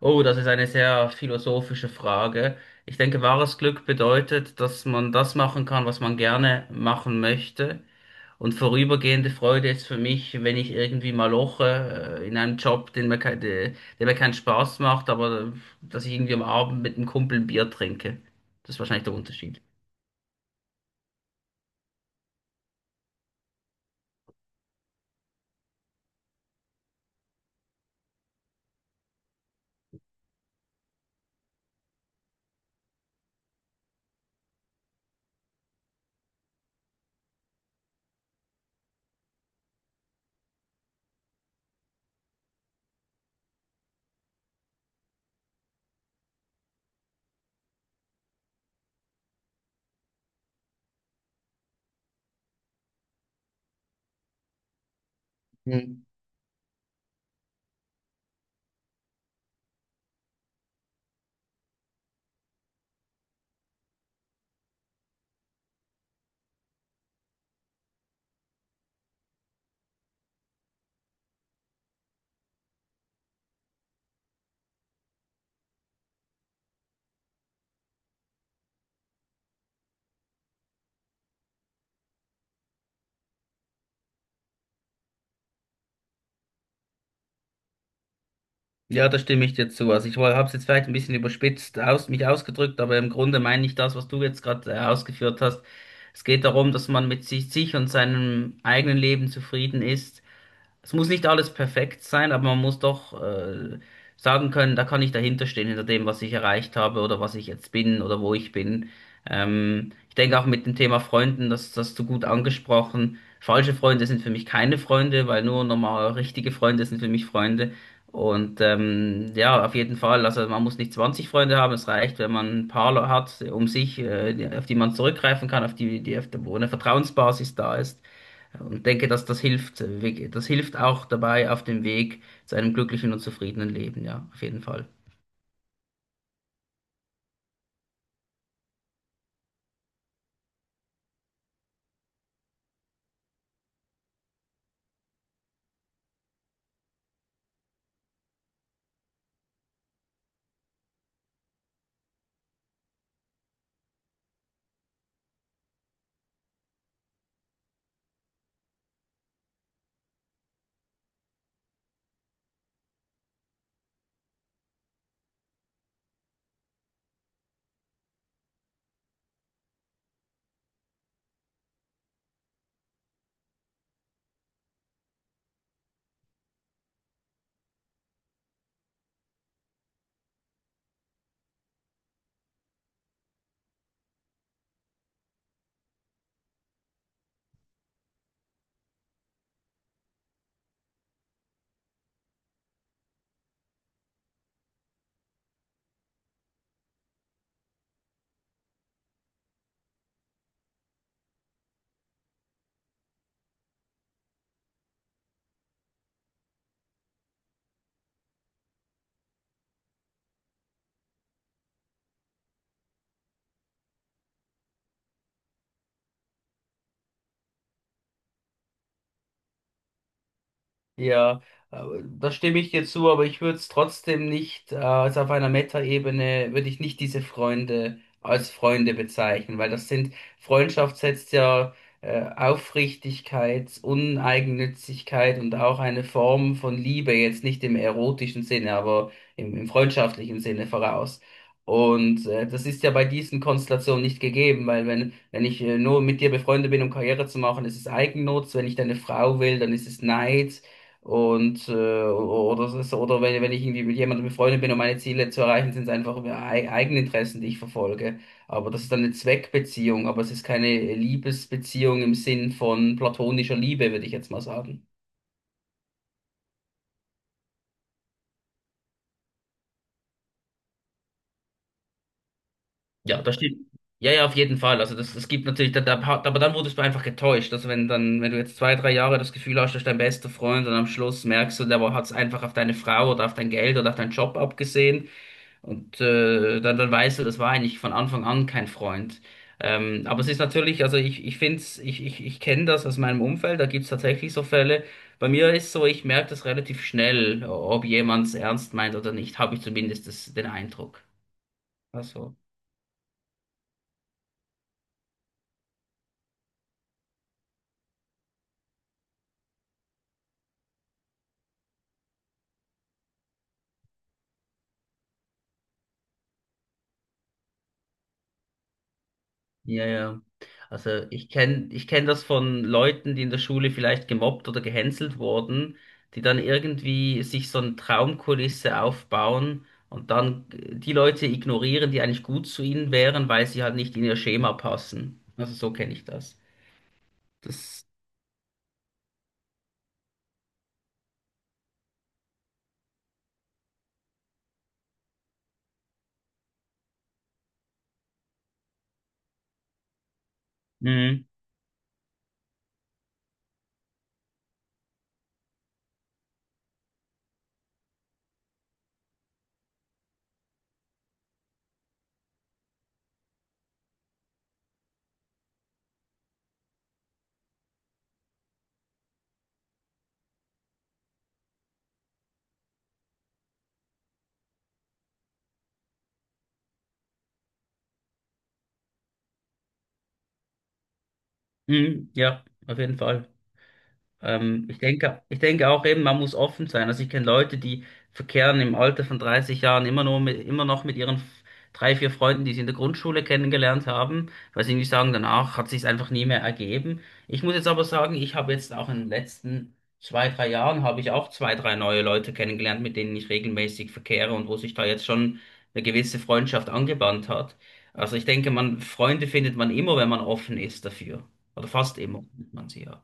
Oh, das ist eine sehr philosophische Frage. Ich denke, wahres Glück bedeutet, dass man das machen kann, was man gerne machen möchte. Und vorübergehende Freude ist für mich, wenn ich irgendwie mal loche, in einem Job, den mir kein, der der mir keinen Spaß macht, aber dass ich irgendwie am Abend mit einem Kumpel ein Bier trinke. Das ist wahrscheinlich der Unterschied. Ja, da stimme ich dir zu. Also ich habe es jetzt vielleicht ein bisschen mich ausgedrückt, aber im Grunde meine ich das, was du jetzt gerade ausgeführt hast. Es geht darum, dass man mit sich und seinem eigenen Leben zufrieden ist, es muss nicht alles perfekt sein, aber man muss doch sagen können, da kann ich dahinter stehen, hinter dem, was ich erreicht habe oder was ich jetzt bin oder wo ich bin. Ich denke auch mit dem Thema Freunden, das hast du gut angesprochen. Falsche Freunde sind für mich keine Freunde, weil nur normal richtige Freunde sind für mich Freunde. Und ja, auf jeden Fall, also man muss nicht 20 Freunde haben, es reicht, wenn man ein paar hat um sich, auf die man zurückgreifen kann, auf die, wo eine Vertrauensbasis da ist. Und denke, dass das das hilft auch dabei auf dem Weg zu einem glücklichen und zufriedenen Leben, ja, auf jeden Fall. Ja, äh, da stimme ich dir zu, aber ich würde es trotzdem nicht, also auf einer Metaebene würde ich nicht diese Freunde als Freunde bezeichnen, weil das sind, Freundschaft setzt ja Aufrichtigkeit, Uneigennützigkeit und auch eine Form von Liebe, jetzt nicht im erotischen Sinne, aber im freundschaftlichen Sinne voraus. Und das ist ja bei diesen Konstellationen nicht gegeben, weil wenn ich nur mit dir befreundet bin, um Karriere zu machen, ist es Eigennutz, wenn ich deine Frau will, dann ist es Neid. Und äh, oder es ist, oder wenn ich irgendwie mit jemandem befreundet bin und meine Ziele zu erreichen, sind es einfach eigene Interessen, die ich verfolge. Aber das ist dann eine Zweckbeziehung, aber es ist keine Liebesbeziehung im Sinn von platonischer Liebe, würde ich jetzt mal sagen. Ja, das stimmt. Ja, ja, auf jeden Fall. Also das, es gibt natürlich, aber dann wurdest du einfach getäuscht. Also wenn dann, wenn du jetzt zwei, drei Jahre das Gefühl hast, das ist dein bester Freund und am Schluss merkst du, der hat es einfach auf deine Frau oder auf dein Geld oder auf deinen Job abgesehen. Und dann weißt du, das war eigentlich von Anfang an kein Freund. Aber es ist natürlich, also ich finde es, ich kenne das aus meinem Umfeld, da gibt es tatsächlich so Fälle. Bei mir ist so, ich merke das relativ schnell, ob jemand es ernst meint oder nicht, habe ich zumindest den Eindruck. Also. Ja, ja. Also ich kenn das von Leuten, die in der Schule vielleicht gemobbt oder gehänselt wurden, die dann irgendwie sich so eine Traumkulisse aufbauen und dann die Leute ignorieren, die eigentlich gut zu ihnen wären, weil sie halt nicht in ihr Schema passen. Also so kenne ich das. Das. Mhm. Mhm. Ja, auf jeden Fall. Ich denke auch eben, man muss offen sein. Also ich kenne Leute, die verkehren im Alter von 30 Jahren immer nur immer noch mit ihren drei, vier Freunden, die sie in der Grundschule kennengelernt haben, weil sie nicht sagen, danach hat sich einfach nie mehr ergeben. Ich muss jetzt aber sagen, ich habe jetzt auch in den letzten zwei, drei Jahren habe ich auch zwei, drei neue Leute kennengelernt, mit denen ich regelmäßig verkehre und wo sich da jetzt schon eine gewisse Freundschaft angebahnt hat. Also ich denke, man, Freunde findet man immer, wenn man offen ist dafür. Oder fast immer findet man sie ja.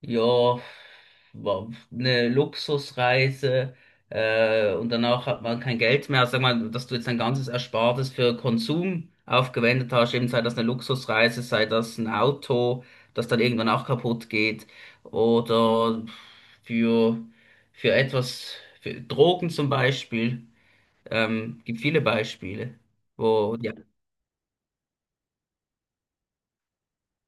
Ja, war eine Luxusreise und danach hat man kein Geld mehr. Also sag mal, dass du jetzt dein ganzes Erspartes für Konsum aufgewendet hast, eben sei das eine Luxusreise, sei das ein Auto, das dann irgendwann auch kaputt geht oder für, für etwas, für Drogen zum Beispiel. Gibt viele Beispiele, wo die.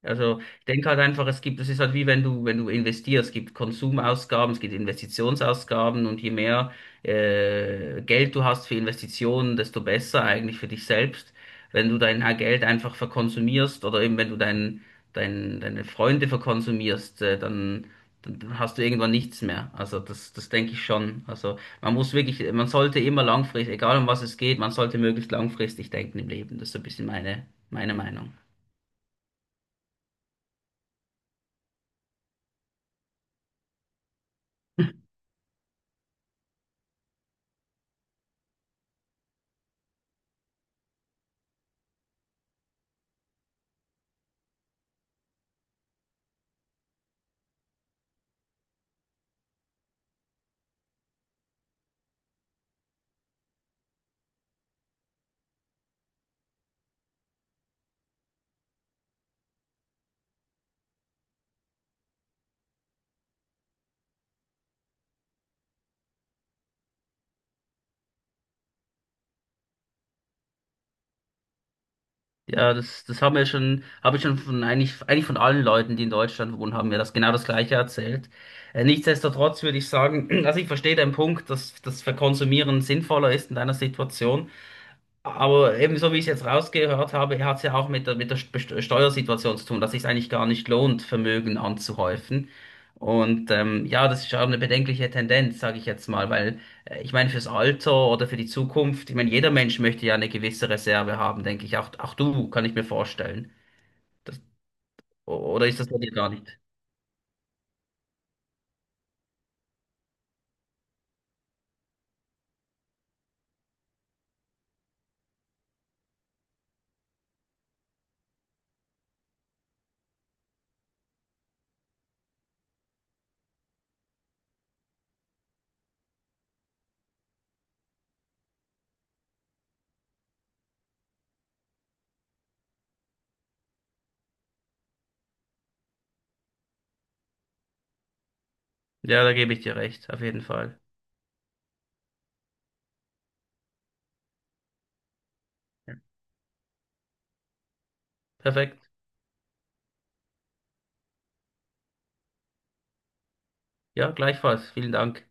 Also ich denke halt einfach, es gibt, es ist halt wie wenn du investierst, es gibt Konsumausgaben, es gibt Investitionsausgaben und je mehr Geld du hast für Investitionen, desto besser eigentlich für dich selbst. Wenn du dein Geld einfach verkonsumierst oder eben wenn du deine Freunde verkonsumierst, dann hast du irgendwann nichts mehr. Also das denke ich schon. Also man muss wirklich, man sollte immer langfristig, egal um was es geht, man sollte möglichst langfristig denken im Leben. Das ist so ein bisschen meine Meinung. Ja, das haben wir schon, habe ich schon von eigentlich von allen Leuten, die in Deutschland wohnen, haben mir das genau das Gleiche erzählt. Nichtsdestotrotz würde ich sagen, also ich verstehe deinen Punkt, dass das Verkonsumieren sinnvoller ist in deiner Situation. Aber eben so wie ich es jetzt rausgehört habe, hat es ja auch mit mit der Steuersituation zu tun, dass es sich eigentlich gar nicht lohnt, Vermögen anzuhäufen. Und ja, das ist auch eine bedenkliche Tendenz, sage ich jetzt mal, weil ich meine, fürs Alter oder für die Zukunft, ich meine, jeder Mensch möchte ja eine gewisse Reserve haben, denke ich. Auch, auch du, kann ich mir vorstellen. Das, o- oder ist das bei dir gar nicht? Ja, da gebe ich dir recht, auf jeden Fall. Perfekt. Ja, gleichfalls. Vielen Dank.